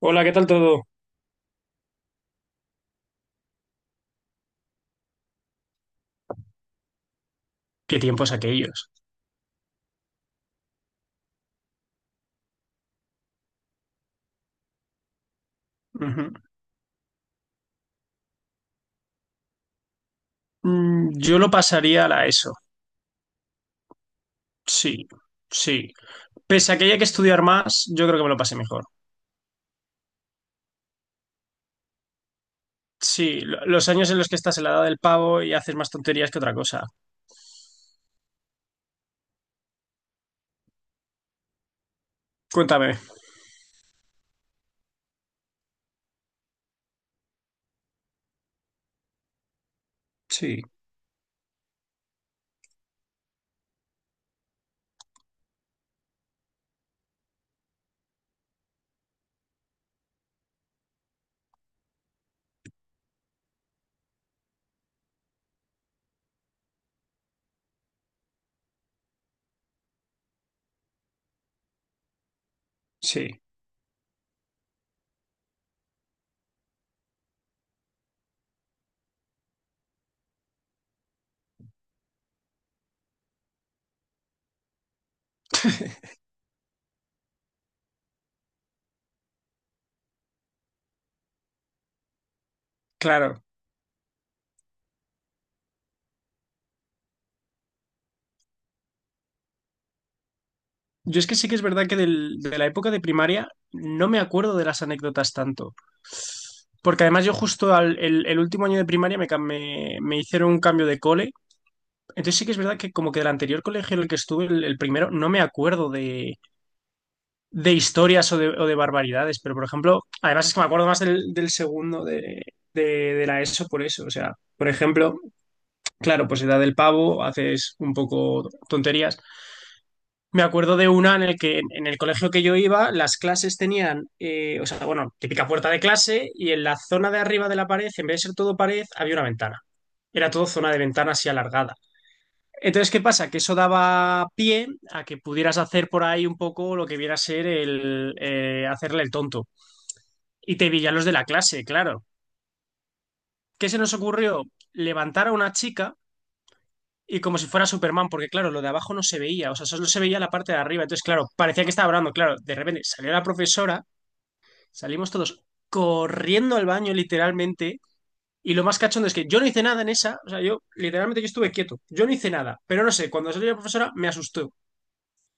Hola, ¿qué tal todo? ¿Qué tiempos aquellos? Ujú. Yo lo pasaría a la ESO. Sí, sí. Pese a que haya que estudiar más, yo creo que me lo pasé mejor. Sí, los años en los que estás en la edad del pavo y haces más tonterías que otra cosa. Cuéntame. Sí, sí, claro. Yo es que sí que es verdad que de la época de primaria no me acuerdo de las anécdotas tanto. Porque además yo justo el último año de primaria me hicieron un cambio de cole. Entonces sí que es verdad que como que del anterior colegio en el que estuve, el primero, no me acuerdo de historias o de barbaridades, pero por ejemplo, además es que me acuerdo más del segundo de, de la ESO por eso, o sea, por ejemplo, claro, pues edad del pavo, haces un poco tonterías. Me acuerdo de una en el que en el colegio que yo iba, las clases tenían, o sea, bueno, típica puerta de clase y en la zona de arriba de la pared, en vez de ser todo pared, había una ventana. Era todo zona de ventana así alargada. Entonces, ¿qué pasa? Que eso daba pie a que pudieras hacer por ahí un poco lo que viera a ser el hacerle el tonto. Y te pillan los de la clase, claro. ¿Qué se nos ocurrió? Levantar a una chica y como si fuera Superman, porque claro, lo de abajo no se veía, o sea, solo se veía la parte de arriba. Entonces, claro, parecía que estaba hablando, claro. De repente salió la profesora, salimos todos corriendo al baño literalmente. Y lo más cachondo es que yo no hice nada en esa, o sea, yo literalmente yo estuve quieto, yo no hice nada, pero no sé, cuando salió la profesora me asustó.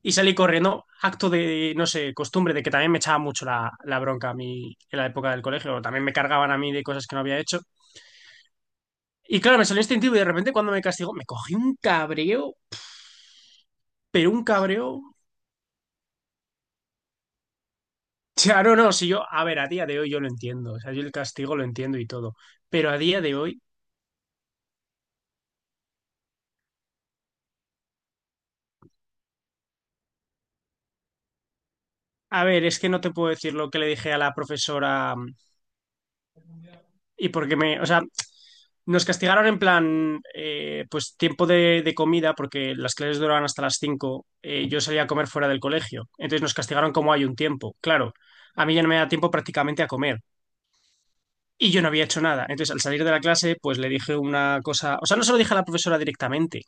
Y salí corriendo, acto de, no sé, costumbre, de que también me echaba mucho la bronca a mí en la época del colegio, también me cargaban a mí de cosas que no había hecho. Y claro, me salió instintivo y de repente cuando me castigó, me cogí un cabreo, pero un cabreo. Ya, si yo, a ver, a día de hoy yo lo entiendo, o sea, yo el castigo lo entiendo y todo, pero a día de hoy, a ver, es que no te puedo decir lo que le dije a la profesora. Y porque me, o sea, nos castigaron en plan, pues tiempo de comida, porque las clases duraban hasta las 5. Yo salía a comer fuera del colegio. Entonces nos castigaron como hay un tiempo. Claro, a mí ya no me da tiempo prácticamente a comer. Y yo no había hecho nada. Entonces, al salir de la clase, pues le dije una cosa. O sea, no se lo dije a la profesora directamente.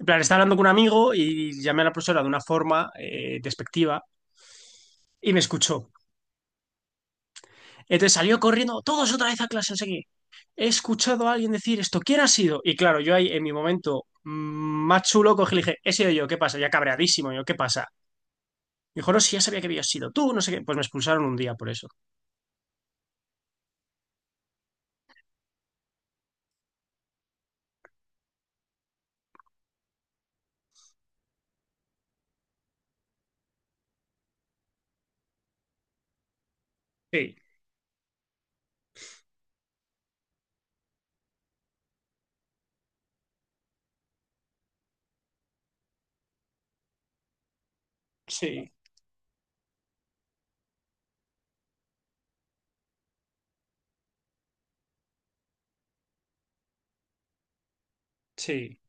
En plan, estaba hablando con un amigo y llamé a la profesora de una forma despectiva y me escuchó. Entonces salió corriendo, todos otra vez a clase, no sé qué. He escuchado a alguien decir esto, ¿quién ha sido? Y claro, yo ahí en mi momento más chulo cogí y le dije, he sido yo, ¿qué pasa? Ya cabreadísimo, yo, ¿qué pasa? Me dijo, no, si ya sabía que habías sido tú, no sé qué. Pues me expulsaron un día por eso. Sí, sí, sí,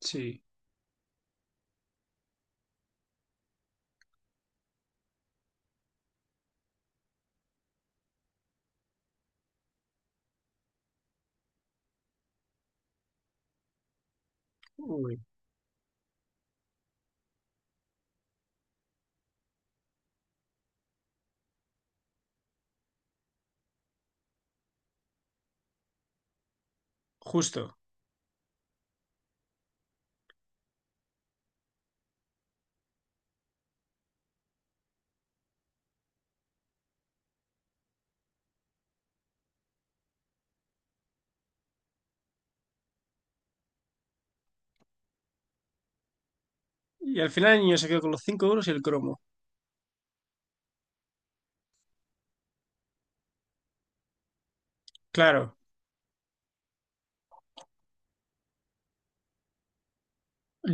sí. Uy, justo. ¿Y al final el niño se quedó con los 5 euros y el cromo? Claro.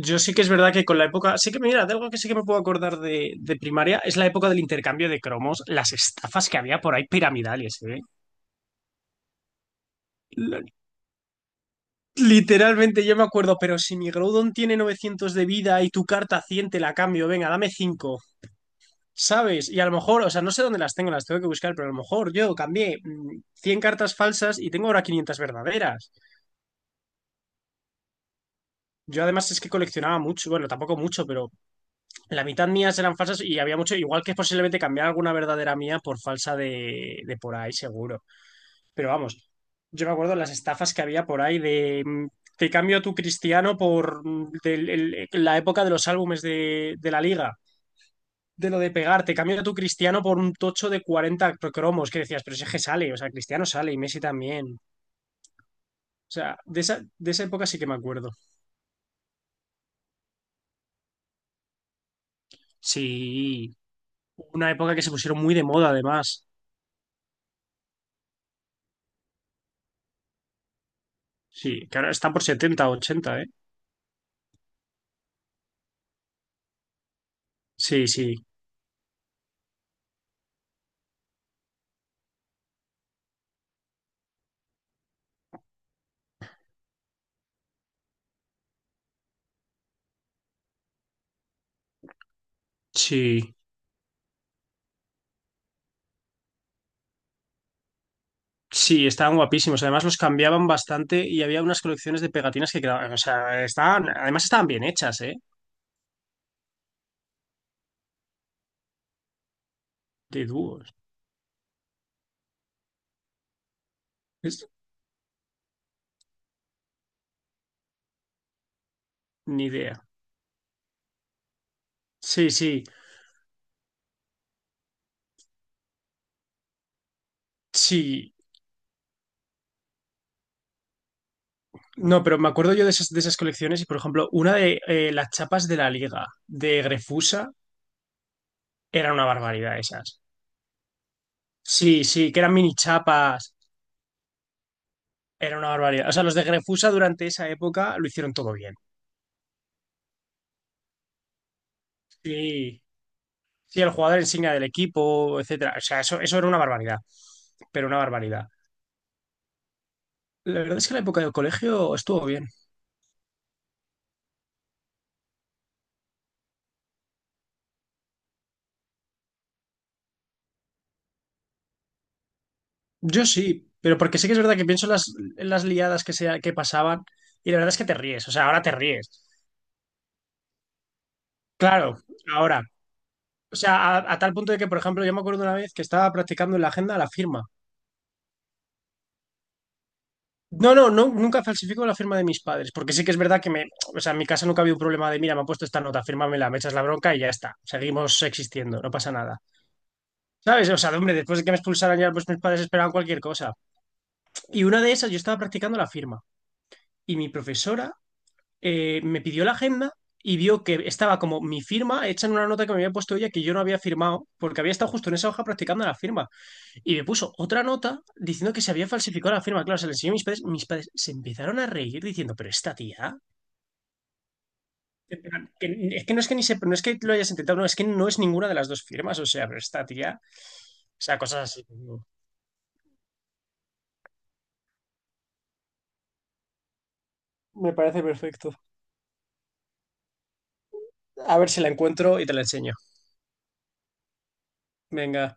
Yo sí que es verdad que con la época, sí que mira, de algo que sí que me puedo acordar de primaria es la época del intercambio de cromos, las estafas que había por ahí piramidales, ¿eh? Literalmente, yo me acuerdo, pero si mi Groudon tiene 900 de vida y tu carta 100 te la cambio, venga, dame cinco. ¿Sabes? Y a lo mejor, o sea, no sé dónde las tengo que buscar, pero a lo mejor yo cambié 100 cartas falsas y tengo ahora 500 verdaderas. Yo además es que coleccionaba mucho, bueno, tampoco mucho, pero la mitad mías eran falsas y había mucho, igual que posiblemente cambiar alguna verdadera mía por falsa de por ahí, seguro. Pero vamos, yo me acuerdo las estafas que había por ahí de te cambio tu Cristiano por la época de los álbumes de la liga. De lo de pegar, te cambio tu Cristiano por un tocho de 40 cromos que decías, pero ese que sale, o sea, Cristiano sale y Messi también. O sea, de esa época sí que me acuerdo. Sí, una época que se pusieron muy de moda además. Sí, que ahora están por 70, 80, ¿eh? Sí, sí, sí. Sí, estaban guapísimos. Además los cambiaban bastante y había unas colecciones de pegatinas que quedaban, o sea, estaban, además estaban bien hechas, ¿eh? De dúos. Es- Ni idea. Sí, sí, sí. No, pero me acuerdo yo de esas colecciones y, por ejemplo, una de las chapas de la Liga de Grefusa, era una barbaridad esas. Sí, sí, que eran mini chapas. Era una barbaridad. O sea, los de Grefusa durante esa época lo hicieron todo bien. Sí, sí, el jugador insignia del equipo, etcétera. O sea, eso era una barbaridad, pero una barbaridad. La verdad es que la época del colegio estuvo bien. Yo sí, pero porque sí que es verdad que pienso en las liadas que, se, que pasaban y la verdad es que te ríes, o sea, ahora te ríes. Claro, ahora. O sea, a tal punto de que, por ejemplo, yo me acuerdo una vez que estaba practicando en la agenda la firma. No, no, no, nunca falsifico la firma de mis padres, porque sí que es verdad que me, o sea, en mi casa nunca había un problema de, mira, me han puesto esta nota, fírmamela, me echas la bronca y ya está, seguimos existiendo, no pasa nada. ¿Sabes? O sea, hombre, después de que me expulsaran ya, pues mis padres esperaban cualquier cosa. Y una de esas, yo estaba practicando la firma y mi profesora me pidió la agenda y vio que estaba como mi firma hecha en una nota que me había puesto ella que yo no había firmado porque había estado justo en esa hoja practicando la firma. Y me puso otra nota diciendo que se había falsificado la firma. Claro, se la enseñó a mis padres. Mis padres se empezaron a reír diciendo, pero esta tía, en plan, es que no es que ni se, no es que lo hayas intentado, no, es que no es ninguna de las dos firmas. O sea, pero esta tía, o sea, cosas así. Me parece perfecto. A ver si la encuentro y te la enseño. Venga.